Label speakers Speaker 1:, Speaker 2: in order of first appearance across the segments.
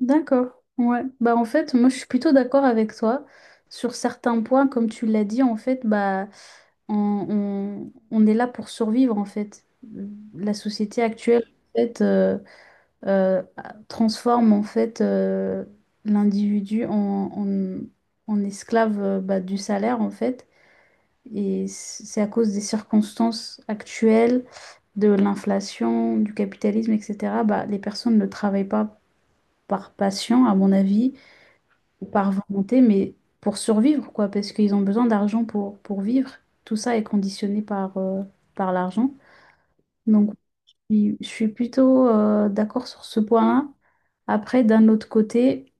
Speaker 1: D'accord. Ouais. Bah en fait, moi je suis plutôt d'accord avec toi sur certains points, comme tu l'as dit, en fait, bah on, on est là pour survivre en fait. La société actuelle en fait euh, transforme en fait l'individu en esclave bah, du salaire en fait. C'est à cause des circonstances actuelles, de l'inflation, du capitalisme, etc. Bah, les personnes ne travaillent pas par passion, à mon avis ou par volonté, mais pour survivre, quoi, parce qu'ils ont besoin d'argent pour vivre. Tout ça est conditionné par l'argent. Donc, je suis plutôt d'accord sur ce point-là. Après, d'un autre côté,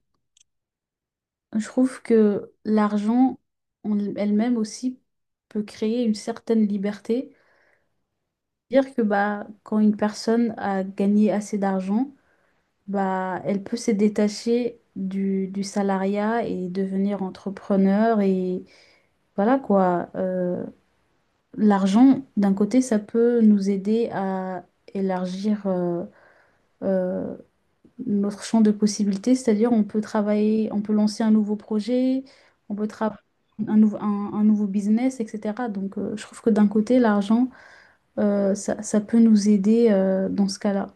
Speaker 1: je trouve que l'argent en elle-même aussi peut créer une certaine liberté. Dire que bah, quand une personne a gagné assez d'argent, bah, elle peut se détacher du salariat et devenir entrepreneur et voilà quoi, l'argent, d'un côté, ça peut nous aider à élargir euh, notre champ de possibilités, c'est-à-dire on peut travailler, on peut lancer un nouveau projet, on peut travailler un nouveau business, etc. Donc je trouve que d'un côté, l'argent, ça peut nous aider dans ce cas-là.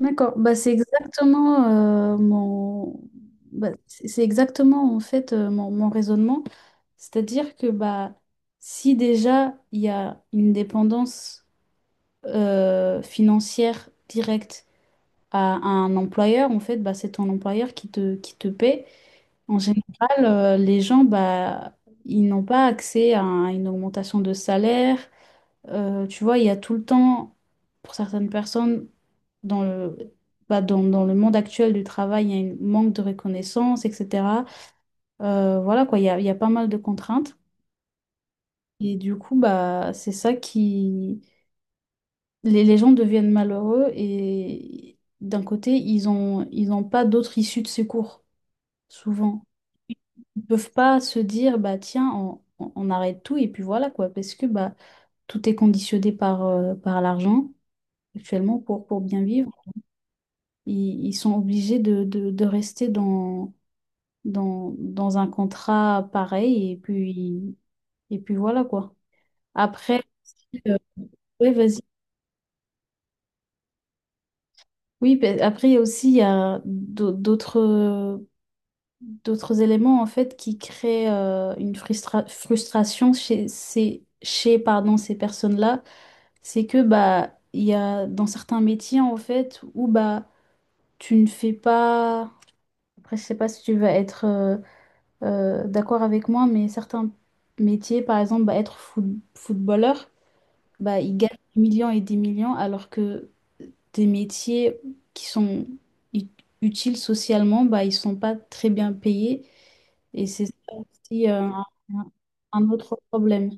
Speaker 1: D'accord, bah, c'est exactement mon bah, c'est exactement en fait mon raisonnement. C'est-à-dire que bah si déjà il y a une dépendance financière directe à un employeur, en fait, bah, c'est ton employeur qui te paie. En général, les gens bah ils n'ont pas accès à une augmentation de salaire. Tu vois, il y a tout le temps, pour certaines personnes, dans le, dans le monde actuel du travail, il y a un manque de reconnaissance, etc. Voilà quoi, il y a pas mal de contraintes. Et du coup, bah, c'est ça qui... les gens deviennent malheureux et d'un côté, ils n'ont pas d'autre issue de secours, souvent. Ils peuvent pas se dire, bah tiens, on arrête tout et puis voilà quoi, parce que bah, tout est conditionné par l'argent actuellement pour bien vivre. Ils sont obligés de rester dans un contrat pareil et puis voilà quoi. Après, euh, ouais, vas-y. Oui, ben, après il y a d'autres éléments en fait qui créent une frustration chez pardon ces personnes-là, c'est que bah il y a dans certains métiers en fait où bah tu ne fais pas après je sais pas si tu vas être d'accord avec moi mais certains métiers par exemple bah, être footballeur bah, ils gagnent des millions et des millions, alors que des métiers qui sont ut- utiles socialement, bah, ils sont pas très bien payés. Et c'est ça aussi un- un autre problème.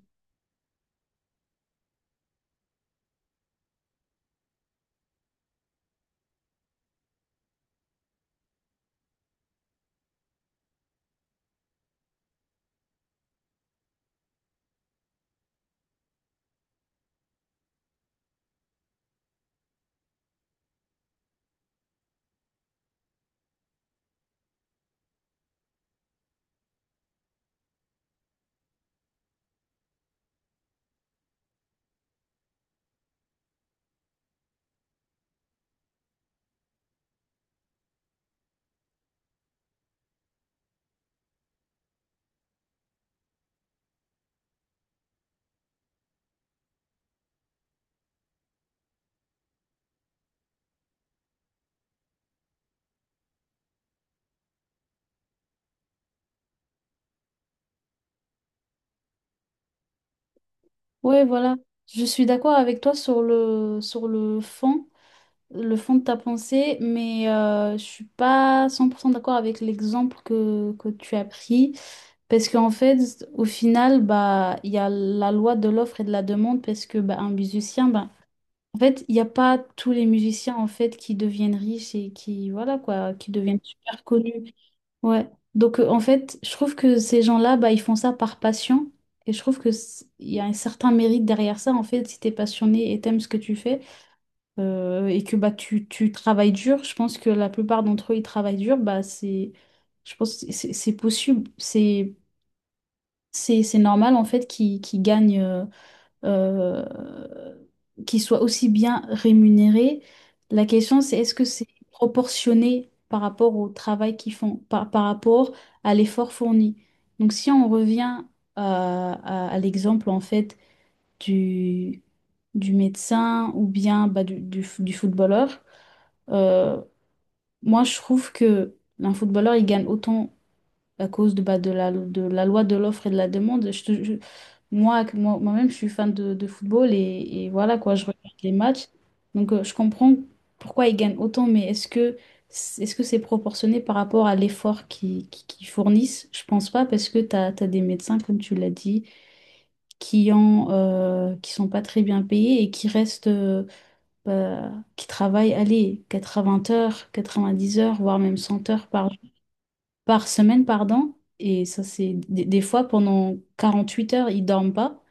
Speaker 1: Ouais, voilà. Je suis d'accord avec toi sur le fond de ta pensée, mais je suis pas 100% d'accord avec l'exemple que tu as pris. Parce qu'en fait, au final, bah, il y a la loi de l'offre et de la demande, parce que bah, un musicien, bah, en fait, il n'y a pas tous les musiciens en fait qui deviennent riches et qui voilà quoi, qui deviennent super connus. Ouais. Donc en fait, je trouve que ces gens-là, bah, ils font ça par passion et je trouve que il y a un certain mérite derrière ça. En fait, si t'es passionné et t'aimes ce que tu fais et que bah tu travailles dur, je pense que la plupart d'entre eux ils travaillent dur, bah c'est, je pense que c'est possible, c'est normal en fait qu'ils gagnent. Euh, qui soient aussi bien rémunérés. La question, c'est est-ce que c'est proportionné par rapport au travail qu'ils font, par rapport à l'effort fourni. Donc si on revient à l'exemple en fait du, du médecin ou bien du du footballeur, euh, moi, je trouve que un footballeur, il gagne autant à cause de, de la loi de l'offre et de la demande. Je, te- je- moi, que moi, moi-même, je suis fan de football et voilà quoi, je regarde les matchs. Donc, je comprends pourquoi ils gagnent autant, mais est-ce que c'est proportionné par rapport à l'effort qu'ils fournissent? Je pense pas parce que tu as des médecins, comme tu l'as dit, qui sont pas très bien payés et qui restent, bah, qui travaillent, allez, 80 heures, 90 heures, voire même 100 heures par semaine, pardon. Et ça, c'est des fois pendant 48 heures, ils dorment pas.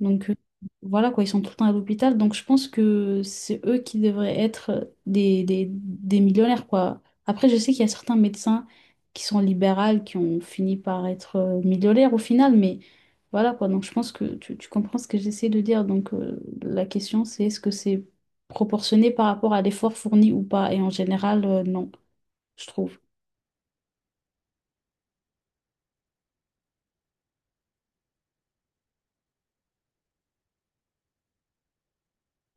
Speaker 1: Donc voilà quoi, ils sont tout le temps à l'hôpital. Donc je pense que c'est eux qui devraient être des millionnaires quoi. Après, je sais qu'il y a certains médecins qui sont libéraux, qui ont fini par être millionnaires au final, mais voilà quoi. Donc je pense que tu comprends ce que j'essaie de dire. Donc la question c'est est-ce que c'est proportionné par rapport à l'effort fourni ou pas? Et en général, non, je trouve.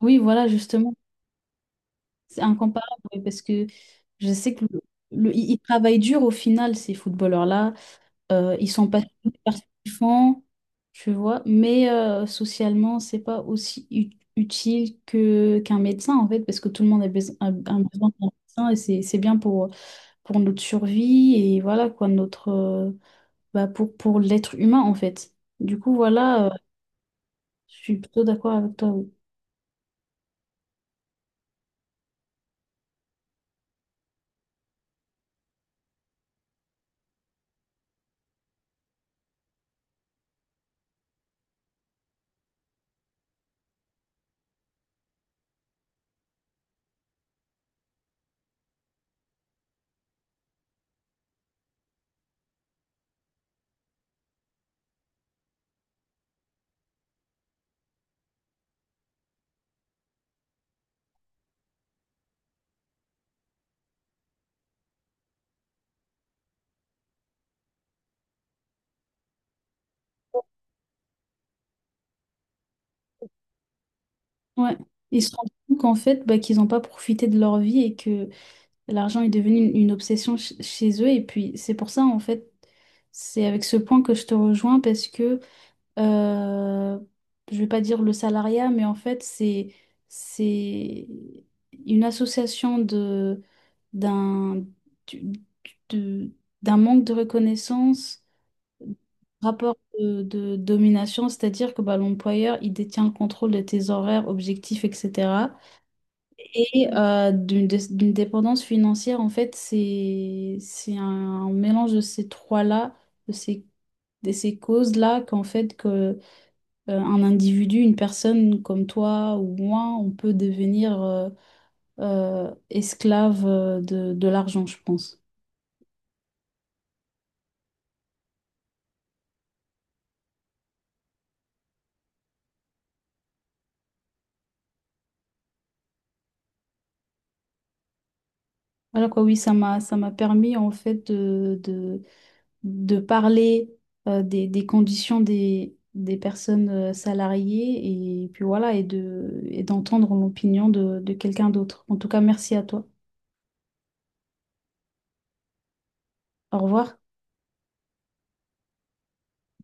Speaker 1: Oui, voilà, justement, c'est incomparable oui, parce que je sais que ils travaillent dur au final, ces footballeurs-là. Ils sont pas tous participants, tu vois, mais socialement, c'est pas aussi utile que qu'un médecin, en fait, parce que tout le monde a besoin d'un médecin et c'est bien pour notre survie et voilà, quoi, notre, pour l'être humain, en fait. Du coup, voilà, je suis plutôt d'accord avec toi. Oui. Ouais. Ils se rendent compte qu'en fait, bah, qu'ils n'ont pas profité de leur vie et que l'argent est devenu une obsession chez eux et puis c'est pour ça en fait, c'est avec ce point que je te rejoins parce que euh, je vais pas dire le salariat, mais en fait c'est une association de d'un du- de- d'un manque de reconnaissance rapport de domination, c'est-à-dire que bah, l'employeur, il détient le contrôle de tes horaires, objectifs, etc. Et d'une dépendance financière, en fait, c'est un mélange de ces trois-là, de ces, de ces causes-là, un individu, une personne comme toi ou moi, on peut devenir esclave de l'argent, je pense. Voilà quoi, oui, ça m'a permis en fait de parler des conditions des personnes salariées et puis voilà, et de, et d'entendre l'opinion de quelqu'un d'autre. En tout cas, merci à toi. Au revoir.